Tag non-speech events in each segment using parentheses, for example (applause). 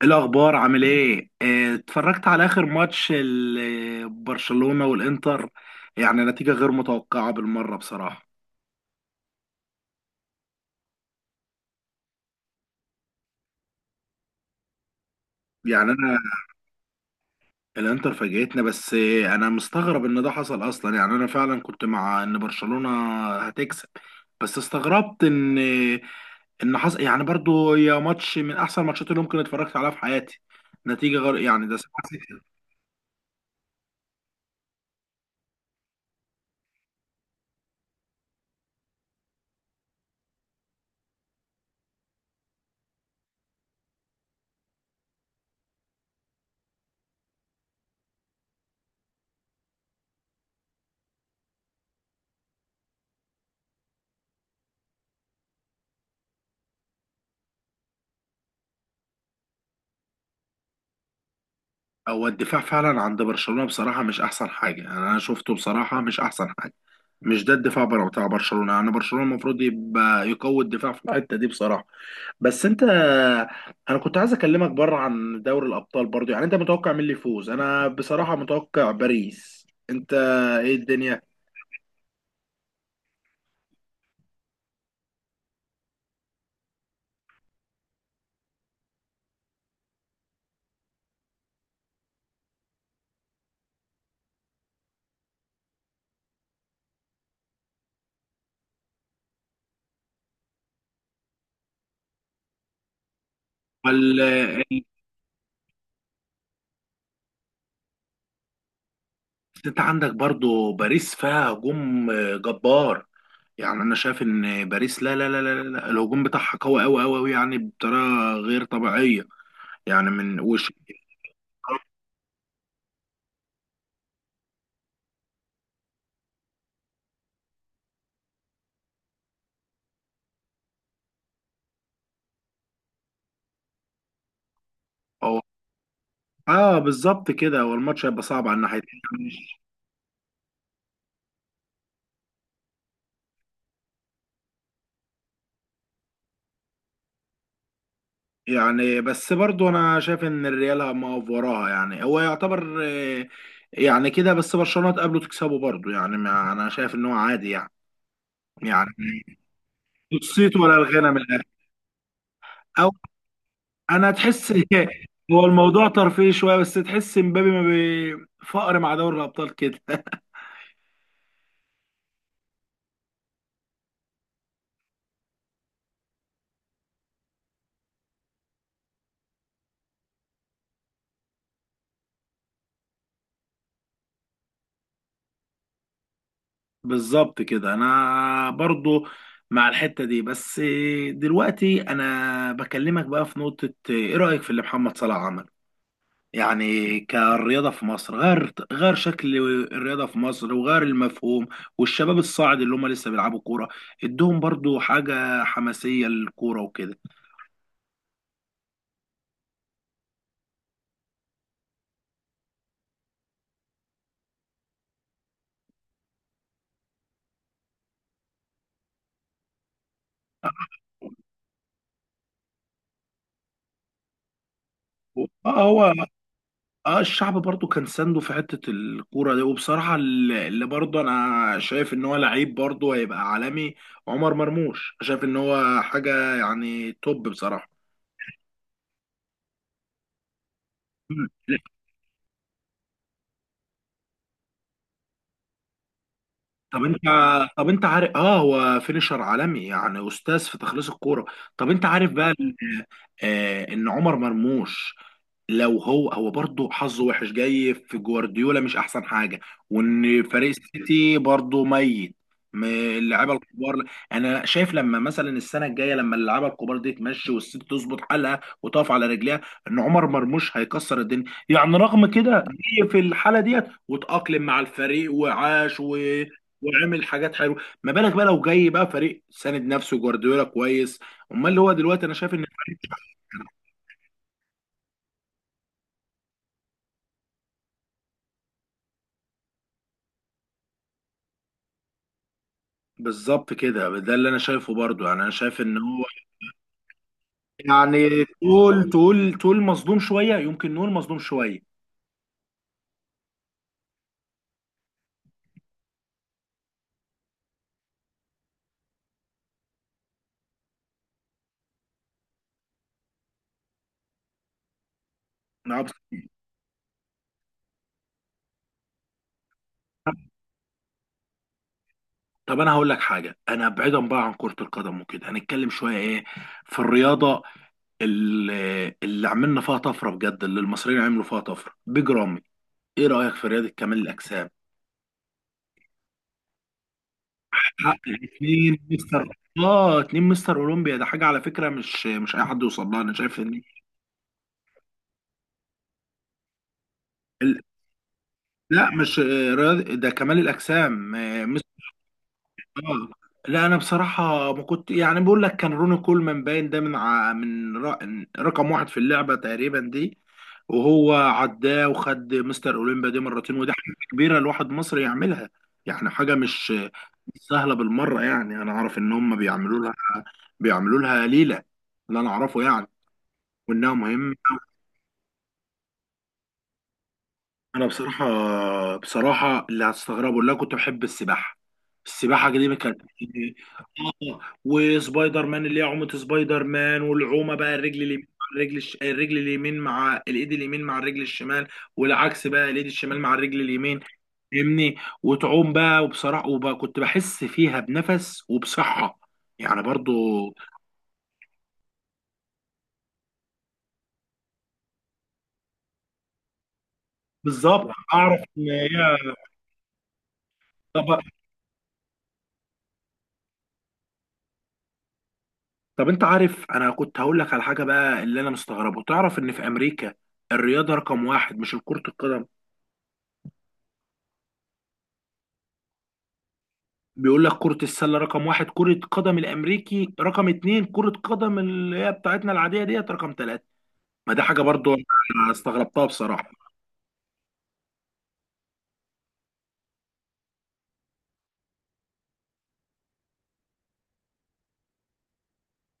إيه الاخبار، عامل ايه؟ اتفرجت على اخر ماتش برشلونة والانتر. يعني نتيجة غير متوقعة بالمرة بصراحة. يعني انا. الانتر فاجئتنا بس، انا مستغرب ان ده حصل اصلا. يعني انا فعلا كنت مع ان برشلونة هتكسب. بس استغربت ان حصل. يعني برضو يا ماتش من احسن ماتشات اللي ممكن اتفرجت عليها في حياتي. نتيجة غير يعني ده 7. هو الدفاع فعلا عند برشلونة بصراحة مش أحسن حاجة، يعني أنا شفته بصراحة مش أحسن حاجة. مش ده الدفاع بتاع برشلونة. يعني برشلونة المفروض يبقى يقوي الدفاع في الحتة دي بصراحة. بس أنت، أنا كنت عايز أكلمك بره عن دوري الأبطال برضو. يعني أنت متوقع مين اللي يفوز؟ أنا بصراحة متوقع باريس، أنت إيه؟ الدنيا. بس انت عندك برضو باريس فيها هجوم جبار. يعني انا شايف ان باريس، لا لا لا لا لا، الهجوم بتاعها قوي قوي قوي قوي، يعني بطريقه غير طبيعيه. يعني من وش. اه، اه بالظبط كده، هو الماتش هيبقى صعب على الناحيتين. مش- يعني بس برضو انا شايف ان الريال ما وراها، يعني هو يعتبر يعني كده. بس برشلونه تقابله تكسبه برضو، يعني ما انا شايف ان هو عادي. يعني نصيت ولا الغنى من الاخر. انا تحس هو الموضوع ترفيهي شويه، بس تحس مبابي ما بفقر مع دوري الابطال كده. بالظبط كده انا برضو مع الحته دي. بس دلوقتي انا بكلمك بقى في نقطه، ايه رايك في اللي محمد صلاح عمل؟ يعني كالرياضه في مصر، غير شكل الرياضه في مصر وغير المفهوم، والشباب الصاعد اللي هم لسه بيلعبوا كوره ادهم برضو حاجه حماسيه للكوره وكده. اه، هو اه. الشعب برضو كان سانده في حتة الكورة دي، وبصراحة اللي برضو انا شايف ان هو لعيب برضو هيبقى عالمي. عمر مرموش شايف ان هو حاجة يعني توب بصراحة. مم. لا، طب انت طب انت عارف، اه هو فينيشر عالمي، يعني استاذ في تخليص الكورة. طب انت عارف بقى ان عمر مرموش لو هو برضه حظه وحش جاي في جوارديولا، مش احسن حاجه، وان فريق السيتي برضه ميت. اللعيبه الكبار، انا شايف لما مثلا السنه الجايه لما اللعيبه الكبار دي تمشي والسيتي تظبط حالها وتقف على رجليها، ان عمر مرموش هيكسر الدنيا، يعني رغم كده جه في الحاله ديت وتأقلم مع الفريق وعاش. وعمل حاجات حلوه. ما بالك بقى لو جاي بقى فريق ساند نفسه جوارديولا كويس؟ امال اللي هو دلوقتي انا شايف. بالظبط كده، ده اللي انا شايفه برضو، يعني انا شايف ان هو يعني تقول مظلوم شويه، يمكن نقول مظلوم شويه. نعم. طب انا هقول لك حاجه، انا بعيدا بقى عن كره القدم وكده، هنتكلم شويه ايه في الرياضه اللي, اللي عملنا فيها طفره بجد، اللي المصريين عملوا فيها طفره، بيج رامي. ايه رايك في رياضه كمال الاجسام؟ حقق اتنين مستر، اه اتنين مستر اولمبيا. ده حاجه على فكره، مش اي حد يوصل لها. انا شايف ان ال- لا مش ده كمال الاجسام. آه. لا انا بصراحه ما كنت، يعني بقول لك كان روني كولمان باين ده من ع... من ر... رقم واحد في اللعبه تقريبا دي، وهو عداه وخد مستر اولمبيا دي مرتين، ودي حاجه كبيره الواحد مصري يعملها. يعني حاجه مش سهله بالمره. يعني انا اعرف ان هم بيعملوا لها ليله، اللي انا اعرفه يعني، وانها مهمه. انا بصراحه اللي هتستغربوا، اللي انا كنت بحب السباحه. السباحه دي كانت اه، وسبايدر مان اللي هي عومه سبايدر مان، والعومه بقى الرجل اليمين مع الرجل اليمين مع الايد اليمين مع الرجل الشمال، والعكس بقى الايد الشمال مع الرجل اليمين، فاهمني؟ وتعوم بقى، وبصراحه وبقى كنت بحس فيها بنفس وبصحه يعني برضو. بالظبط اعرف ان هي. طب طب انت عارف انا كنت هقول لك على حاجه بقى، اللي انا مستغربه، تعرف ان في امريكا الرياضه رقم واحد مش كره القدم. بيقول لك كره السله رقم واحد، كره قدم الامريكي رقم اتنين، كره قدم اللي هي بتاعتنا العاديه ديت رقم تلاته. ما دي حاجه برضو انا استغربتها بصراحه.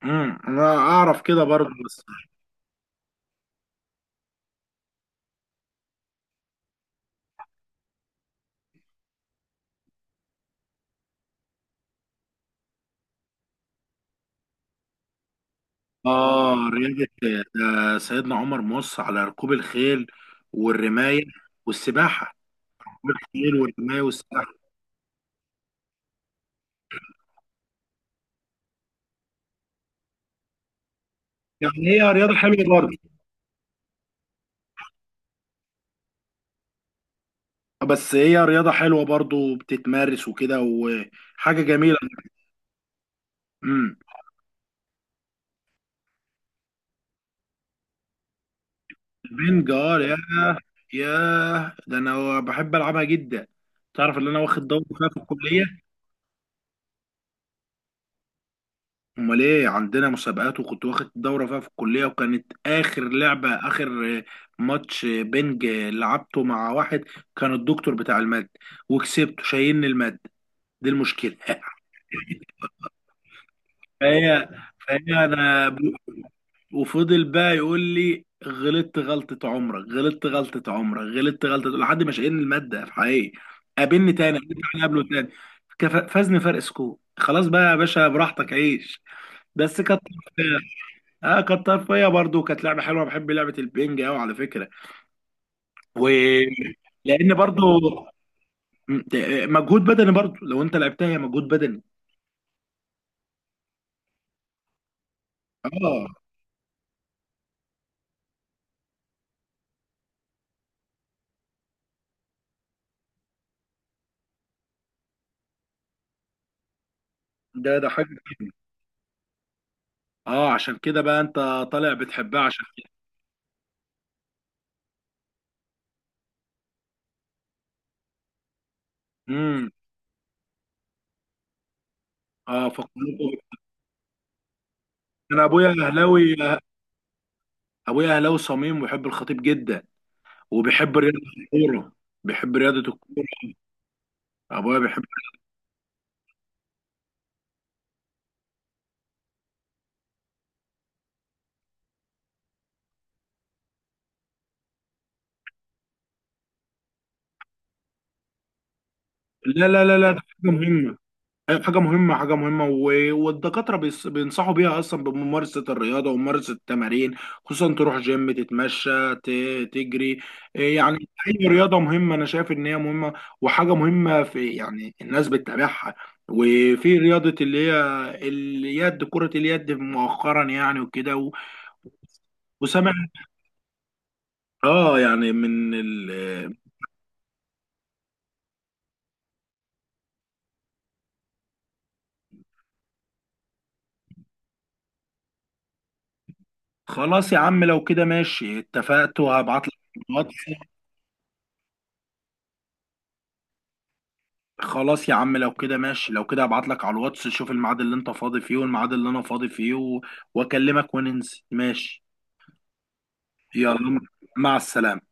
انا اعرف كده برضو. بس اه رياضه، سيدنا عمر مص على ركوب الخيل والرمايه والسباحه. ركوب الخيل والرمايه والسباحه، يعني هي رياضه حلوه برضو. بس هي رياضة حلوة برضو، بتتمارس وكده وحاجة جميلة. امم البنج؟ اه يا ده انا بحب العبها جدا. تعرف ان انا واخد دورة فيها في الكلية؟ امال ايه، عندنا مسابقات، وكنت واخد دورة فيها في الكلية، وكانت اخر لعبة، اخر ماتش بنج لعبته مع واحد كان الدكتور بتاع المادة، وكسبته. شايلني المادة، دي المشكلة. (laughs) فهي فهي انا، وفضل بقى يقول لي غلطت غلطة عمرك، غلطت غلطة عمرك، غلطت غلطة، لحد ما شقينا المادة في حقيقي. قابلني تاني، قابلني تاني، قابله تاني. فازني فرق سكور. خلاص بقى يا باشا، براحتك عيش. بس كانت طرفية. اه كانت طرفية برضه، كانت لعبة حلوة، بحب لعبة البينج قوي على فكرة. و لأن برضه م- مجهود بدني. برضه لو أنت لعبتها هي مجهود بدني. اه، ده حاجة. اه، عشان كده بقى أنت طالع بتحبها عشان كده. امم اه فكلكم، انا ابويا اهلاوي. ابويا اهلاوي صميم، ويحب الخطيب جدا، وبيحب رياضه الكوره. بيحب رياضه الكوره، ابويا بيحب. لا لا لا لا، ده حاجه مهمه. أيوة، حاجه مهمه، حاجه مهمه، والدكاتره بينصحوا بيها اصلا، بممارسه الرياضه وممارسه التمارين. خصوصا تروح جيم، تتمشى، تجري، إيه يعني. اي رياضه مهمه، انا شايف ان هي مهمه. وحاجه مهمه في، يعني الناس بتتابعها، وفي رياضه اللي هي اليد، كره اليد مؤخرا يعني وكده. وسامع اه، يعني خلاص يا عم لو كده ماشي، اتفقت وهبعت لك على الواتس. خلاص يا عم لو كده ماشي، لو كده هبعت لك على الواتس، شوف الميعاد اللي انت فاضي فيه والميعاد اللي انا فاضي فيه واكلمك وننزل، ماشي. يلا، مع السلامة.